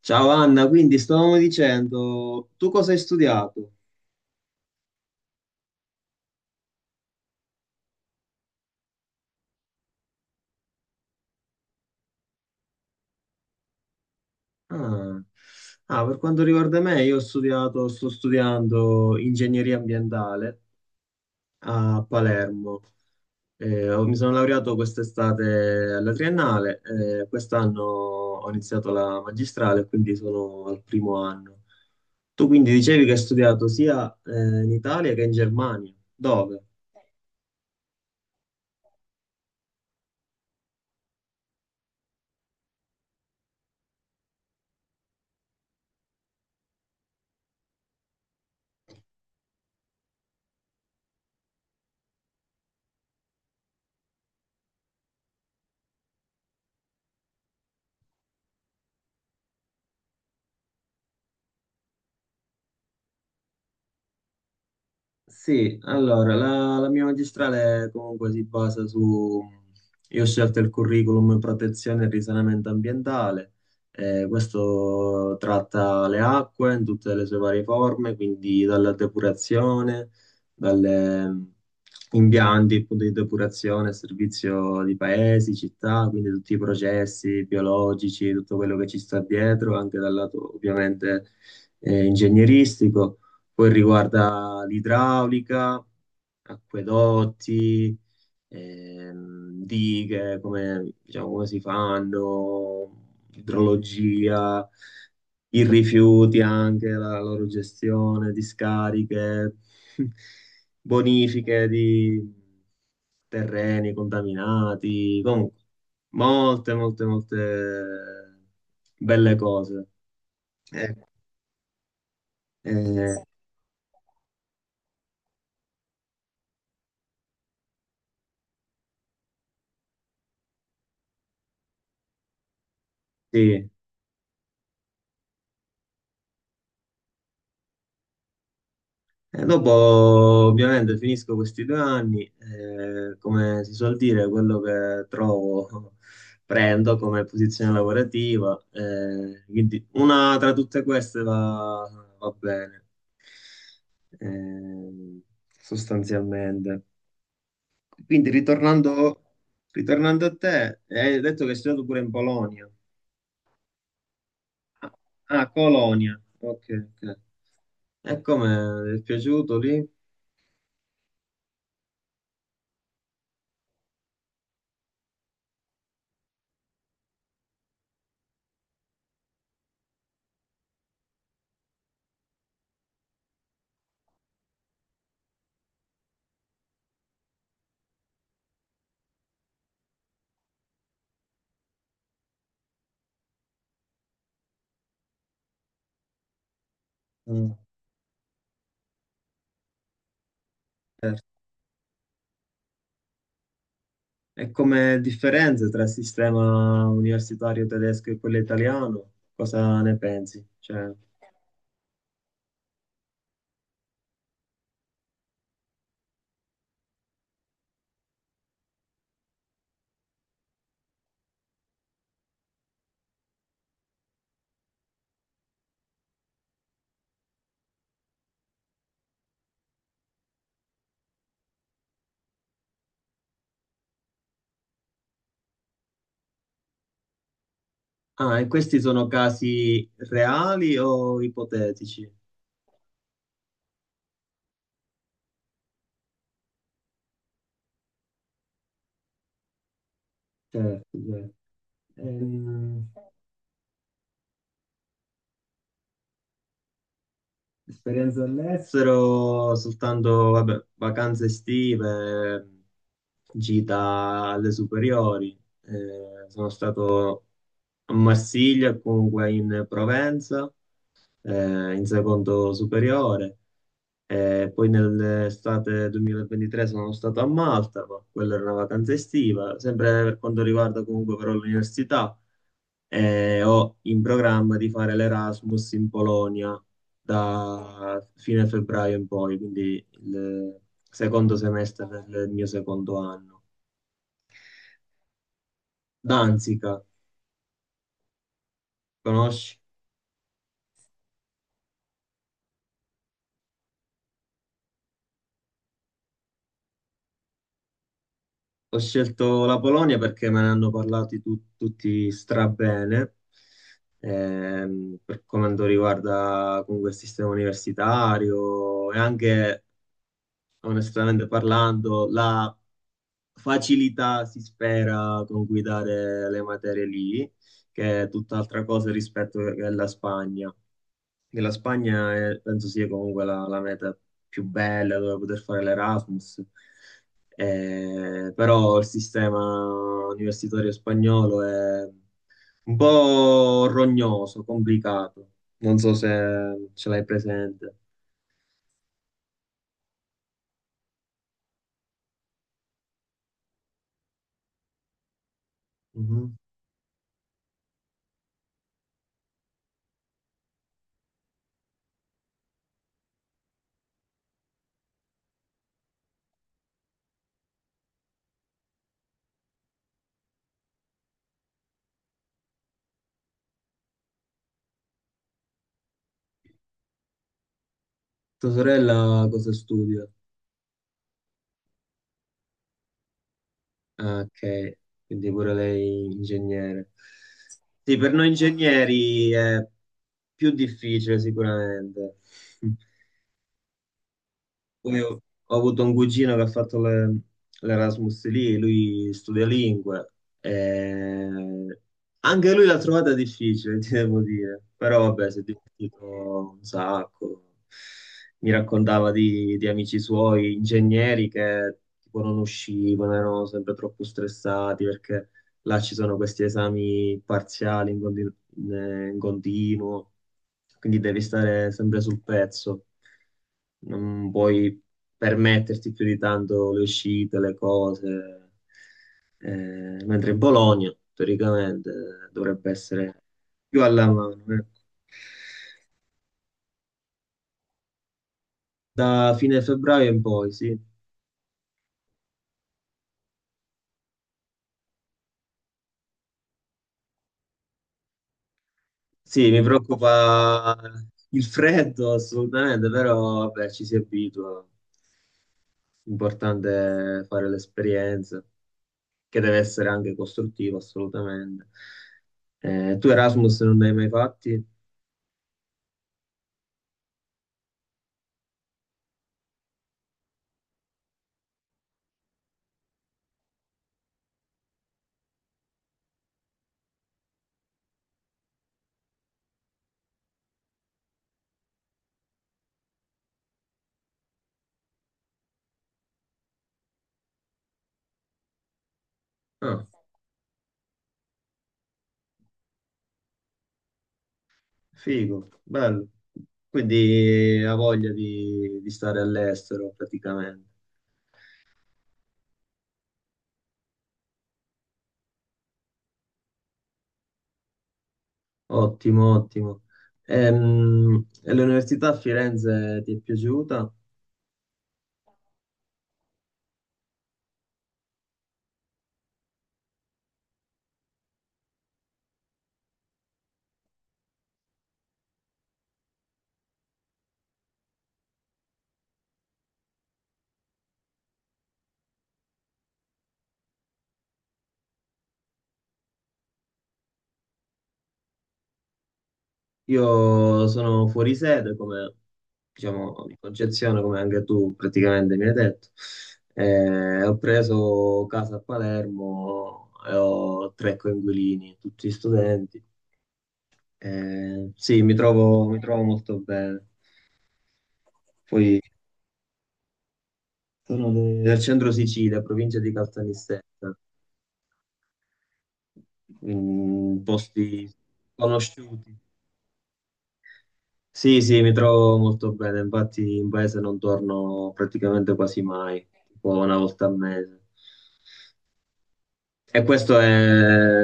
Ciao Anna, quindi stavamo dicendo, tu cosa hai studiato? Ah, per quanto riguarda me, io ho studiato, sto studiando ingegneria ambientale a Palermo. Mi sono laureato quest'estate alla triennale. Quest'anno ho iniziato la magistrale, quindi sono al primo anno. Tu quindi dicevi che hai studiato sia in Italia che in Germania. Dove? Sì, allora, la mia magistrale comunque si basa su... Io ho scelto il curriculum protezione e risanamento ambientale. Questo tratta le acque in tutte le sue varie forme, quindi dalla depurazione, dalle impianti appunto, di depurazione, servizio di paesi, città, quindi tutti i processi biologici, tutto quello che ci sta dietro, anche dal lato ovviamente ingegneristico, poi riguarda l'idraulica, acquedotti, dighe, come, diciamo, come si fanno, idrologia, i rifiuti anche, la loro gestione, discariche, bonifiche di terreni contaminati, comunque molte, molte, molte belle cose. Eh, eh, sì, e dopo ovviamente finisco questi 2 anni, come si suol dire, quello che trovo prendo come posizione lavorativa, quindi una tra tutte queste va, va bene, ehm, sostanzialmente. Quindi ritornando, Ritornando a te, hai detto che hai studiato pure in Polonia. Ah, Colonia, ok, ok. E come ti è piaciuto lì? Mm. Certo. E come differenze tra il sistema universitario tedesco e quello italiano? Cosa ne pensi? Cioè, ah, e questi sono casi reali o ipotetici? Certo, certo. Ehm, Esperienze all'estero, soltanto vabbè, vacanze estive, gita alle superiori. Sono stato a Marsiglia, comunque in Provenza, in secondo superiore. Poi nell'estate 2023 sono stato a Malta, ma quella era una vacanza estiva. Sempre per quanto riguarda comunque però l'università, ho in programma di fare l'Erasmus in Polonia da fine febbraio in poi, quindi il secondo semestre del mio secondo anno. Danzica, conosci? Ho scelto la Polonia perché me ne hanno parlato tutti strabene. Per quanto riguarda comunque il sistema universitario e anche, onestamente parlando, la facilità, si spera, con cui dare le materie lì, che è tutt'altra cosa rispetto alla Spagna. Che la Spagna è- Penso sia comunque la meta più bella dove poter fare l'Erasmus. Però il sistema universitario spagnolo è un po' rognoso, complicato. Non so se ce l'hai presente. Mhm. Tua sorella cosa studia? Ah, ok, quindi pure lei ingegnere. Sì, per noi ingegneri è più difficile sicuramente. Poi ho avuto un cugino che ha fatto l'Erasmus lì, lui studia lingue, e anche lui l'ha trovata difficile, ti devo dire, però vabbè, si è divertito un sacco. Mi raccontava di amici suoi, ingegneri che tipo non uscivano, erano sempre troppo stressati perché là ci sono questi esami parziali in continuo, quindi devi stare sempre sul pezzo, non puoi permetterti più di tanto le uscite, le cose. Mentre in Bologna teoricamente dovrebbe essere più alla mano, ecco. Da fine febbraio in poi, sì. Sì, mi preoccupa il freddo assolutamente, però vabbè, ci si abitua. Importante è fare l'esperienza, che deve essere anche costruttiva, assolutamente. Tu Erasmus non ne hai mai fatti? Ah, figo, bello. Quindi ha voglia di stare all'estero praticamente. Ottimo, ottimo. E, l'università a Firenze ti è piaciuta? Io sono fuori sede, come diciamo di Concezione, come anche tu praticamente mi hai detto. Ho preso casa a Palermo e ho tre coinquilini, tutti studenti. Sì, mi trovo molto bene. Poi sono del centro Sicilia, provincia di Caltanissetta, mm, posti conosciuti. Sì, sì, mi trovo molto bene, infatti in paese non torno praticamente quasi mai, tipo 1 volta al mese. E questa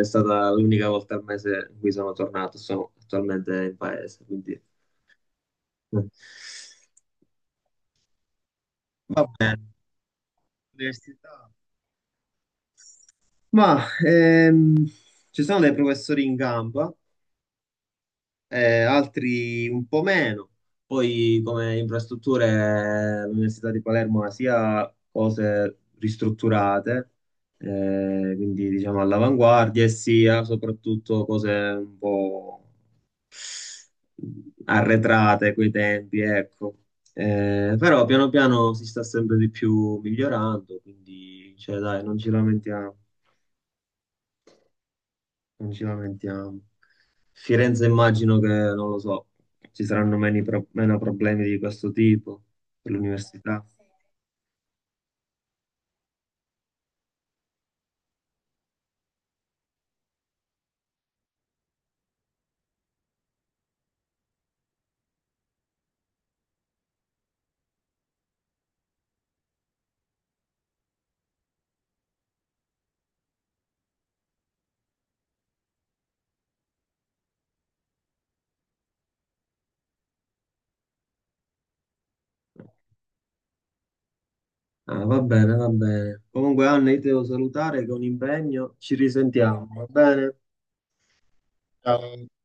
è stata l'unica volta al mese in cui sono tornato, sono attualmente in paese, quindi... Va bene, l'università. Ma ci sono dei professori in gamba, altri un po' meno. Poi come infrastrutture l'Università di Palermo ha sia cose ristrutturate, quindi diciamo all'avanguardia, e sia soprattutto cose un po' arretrate coi tempi, ecco. Però piano piano si sta sempre di più migliorando, quindi cioè, dai, non ci lamentiamo, non ci lamentiamo. Firenze immagino che, non lo so, ci saranno meno problemi di questo tipo per l'università. Ah, va bene, va bene. Comunque, Anna, io ti devo salutare che ho un impegno. Ci risentiamo, va bene? Ciao.